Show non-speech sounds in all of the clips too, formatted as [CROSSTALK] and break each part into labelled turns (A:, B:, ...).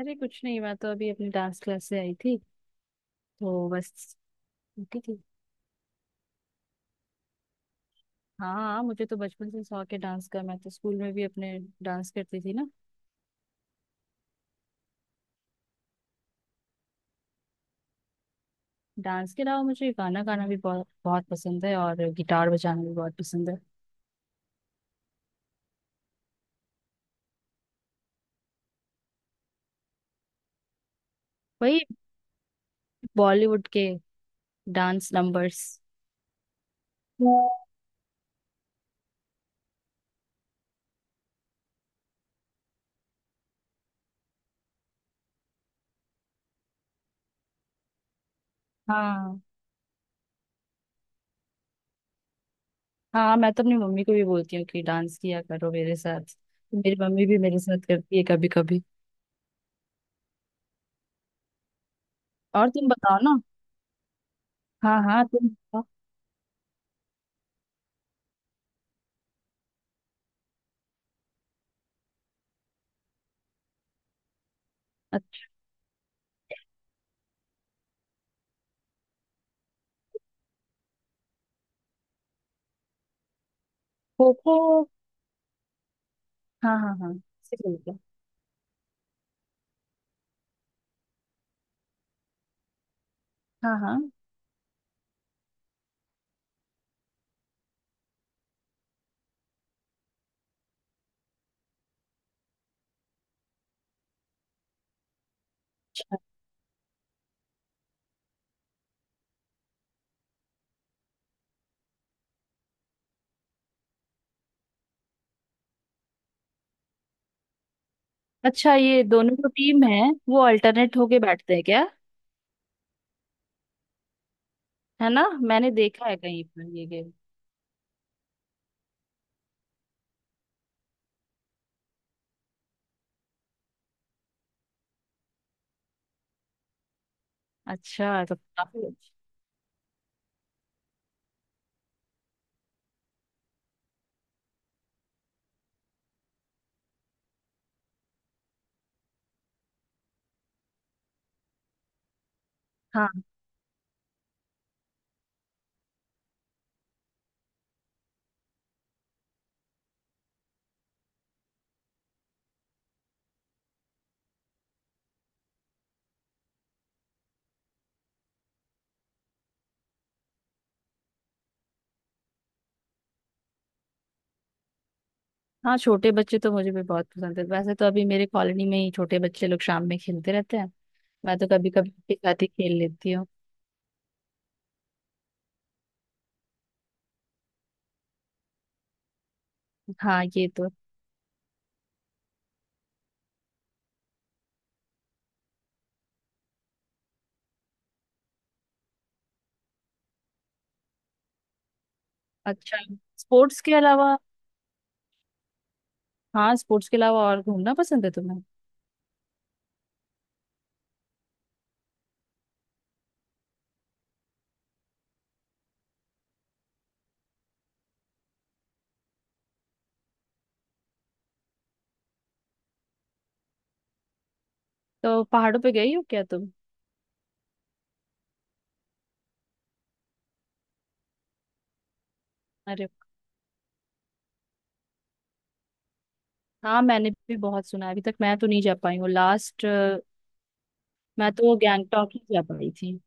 A: अरे कुछ नहीं, मैं तो अभी अपनी डांस क्लास से आई थी। तो बस उठी थी। हाँ हाँ, मुझे तो बचपन से शौक है डांस का। मैं तो स्कूल में भी अपने डांस करती थी ना। डांस के अलावा मुझे गाना गाना भी बहुत बहुत पसंद है और गिटार बजाना भी बहुत पसंद है। वही बॉलीवुड के डांस नंबर्स। हाँ हाँ, मैं तो अपनी मम्मी को भी बोलती हूँ कि डांस किया करो मेरे साथ। तो मेरी मम्मी भी मेरे साथ करती है कभी कभी। और तुम बताओ ना। हाँ हाँ, तुम बताओ। अच्छा, खो खो। हाँ हाँ हाँ। हाँ हाँ। अच्छा, ये दोनों जो टीम है वो अल्टरनेट होके बैठते हैं क्या। है ना, मैंने देखा है कहीं पर ये गेम। अच्छा, तो काफी अच्छा। हाँ हाँ, छोटे बच्चे तो मुझे भी बहुत पसंद है। वैसे तो अभी मेरे कॉलोनी में ही छोटे बच्चे लोग शाम में खेलते रहते हैं। मैं तो कभी कभी उनके साथ ही खेल लेती हूँ। हाँ, ये तो। अच्छा, स्पोर्ट्स के अलावा। हाँ, स्पोर्ट्स के अलावा और घूमना पसंद है तुम्हें। तो पहाड़ों पे गई हो क्या तुम। अरे हाँ, मैंने भी बहुत सुना है। अभी तक मैं तो नहीं जा पाई हूँ। लास्ट मैं तो गैंगटॉक ही जा पाई थी।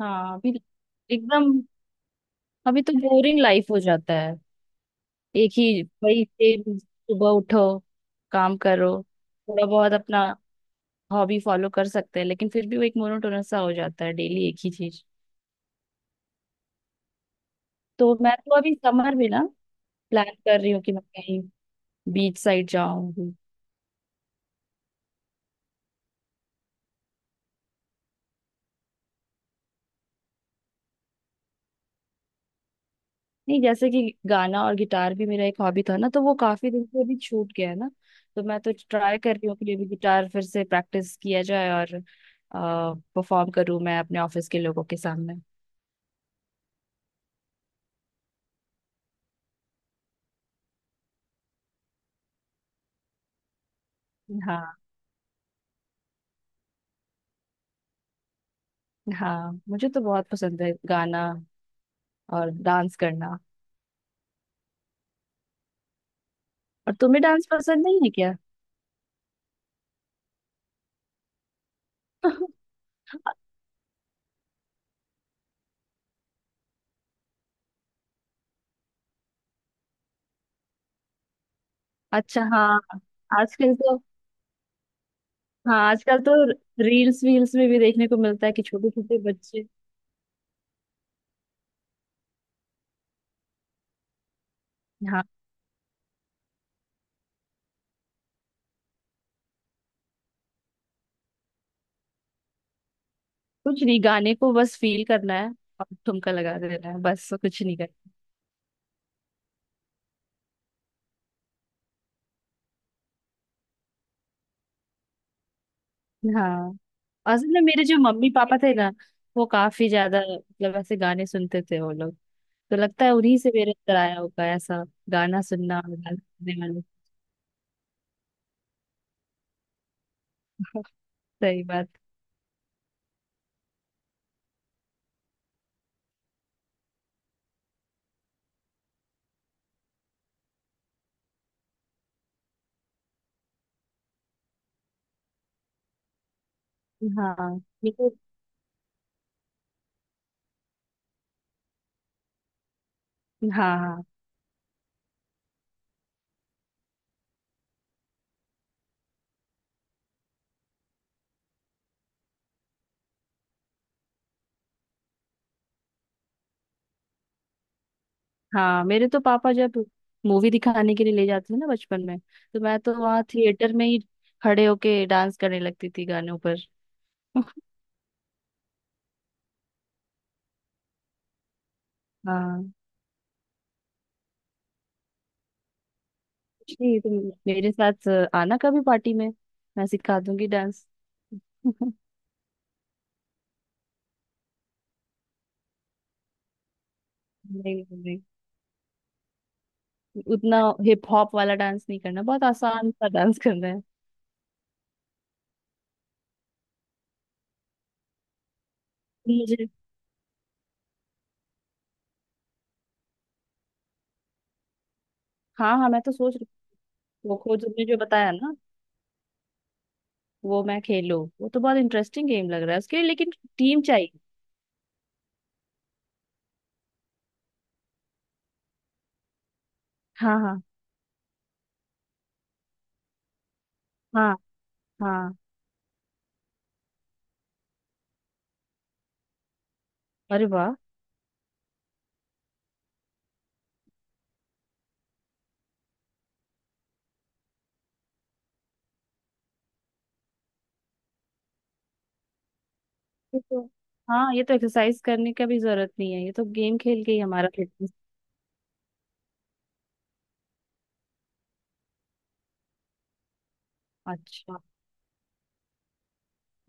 A: हाँ अभी। एकदम। अभी तो बोरिंग लाइफ हो जाता है। एक ही वही सेम, सुबह उठो, काम करो, थोड़ा बहुत अपना हॉबी फॉलो कर सकते हैं, लेकिन फिर भी वो एक मोनोटोनस सा हो जाता है डेली एक ही चीज। तो मैं तो अभी समर में ना प्लान कर रही हूँ कि मैं कहीं बीच साइड जाऊँ। नहीं, जैसे कि गाना और गिटार भी मेरा एक हॉबी था ना, तो वो काफी दिन से अभी छूट गया है ना। तो मैं तो ट्राई कर रही हूँ कि ये भी गिटार फिर से प्रैक्टिस किया जाए और परफॉर्म करूँ मैं अपने ऑफिस के लोगों के सामने। हाँ हाँ, मुझे तो बहुत पसंद है गाना और डांस करना। और तुम्हें डांस पसंद नहीं है क्या। [LAUGHS] अच्छा हाँ, आजकल तो। हाँ आजकल तो रील्स वील्स में भी देखने को मिलता है कि छोटे छोटे बच्चे। कुछ नहीं, गाने को बस फील करना है और ठुमका लगा देना है, बस कुछ नहीं करना। हाँ, असल में मेरे जो मम्मी पापा थे ना, वो काफी ज्यादा मतलब ऐसे गाने सुनते थे वो लोग। तो लगता है उन्हीं से मेरे अंदर आया होगा ऐसा। गाना सुनना और गाना सुनने वाले। सही बात। हाँ मेरे हाँ हाँ हाँ मेरे तो पापा जब मूवी दिखाने के लिए ले जाते थे ना बचपन में, तो मैं तो वहाँ थिएटर में ही खड़े होके डांस करने लगती थी गानों पर। [LAUGHS] हाँ जी, तुम मेरे साथ आना कभी पार्टी में, मैं सिखा दूंगी डांस। [LAUGHS] नहीं नहीं, उतना हिप हॉप वाला डांस नहीं करना, बहुत आसान सा डांस करना है। मुझे। हाँ हाँ, मैं तो सोच रही हूँ खो खो तुमने जो बताया ना वो मैं खेलूँ, वो तो बहुत इंटरेस्टिंग गेम लग रहा है उसके लिए, लेकिन टीम चाहिए। हाँ हाँ हाँ। हाँ अरे वाह, ये तो। हाँ ये तो एक्सरसाइज करने का भी जरूरत नहीं है, ये तो गेम खेल के ही हमारा फिटनेस। अच्छा,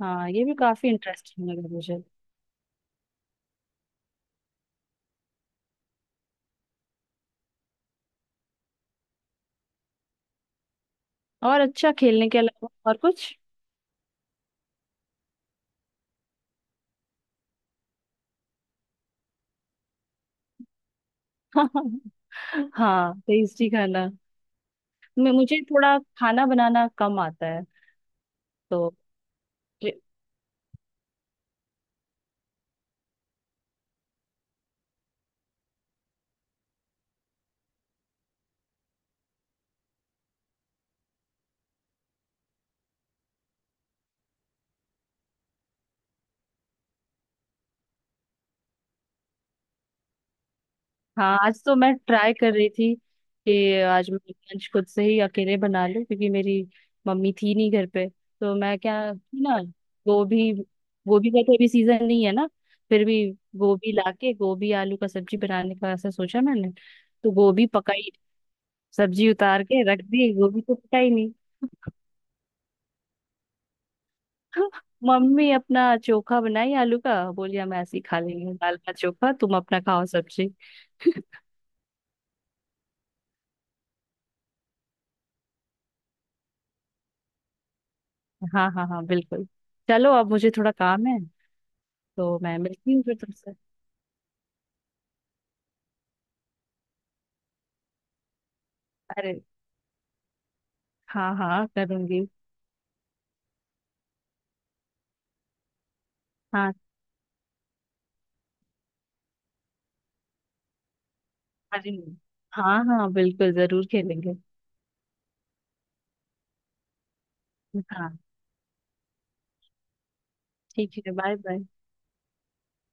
A: हाँ ये भी काफी इंटरेस्टिंग लगा मुझे। और अच्छा, खेलने के अलावा और कुछ। [LAUGHS] हाँ टेस्टी खाना। मैं, मुझे थोड़ा खाना बनाना कम आता है तो। हाँ आज तो मैं ट्राई कर रही थी कि आज मैं लंच खुद से ही अकेले बना लूं, क्योंकि मेरी मम्मी थी नहीं घर पे, तो मैं क्या ना गोभी, गोभी का तो अभी सीजन नहीं है ना, फिर भी गोभी लाके गोभी आलू का सब्जी बनाने का ऐसा सोचा मैंने। तो गोभी पकाई, सब्जी उतार के रख दी, गोभी तो पकाई। मम्मी अपना चोखा बनाई आलू का, बोली हम ऐसे ही खा लेंगे दाल का चोखा, तुम अपना खाओ सब्जी। [LAUGHS] हाँ हाँ हाँ बिल्कुल। चलो अब मुझे थोड़ा काम है, तो मैं मिलती हूँ फिर तुमसे। अरे हाँ हाँ, करूंगी। हाँ, अरे हाँ हाँ, बिल्कुल जरूर खेलेंगे। हाँ, ठीक है, बाय बाय।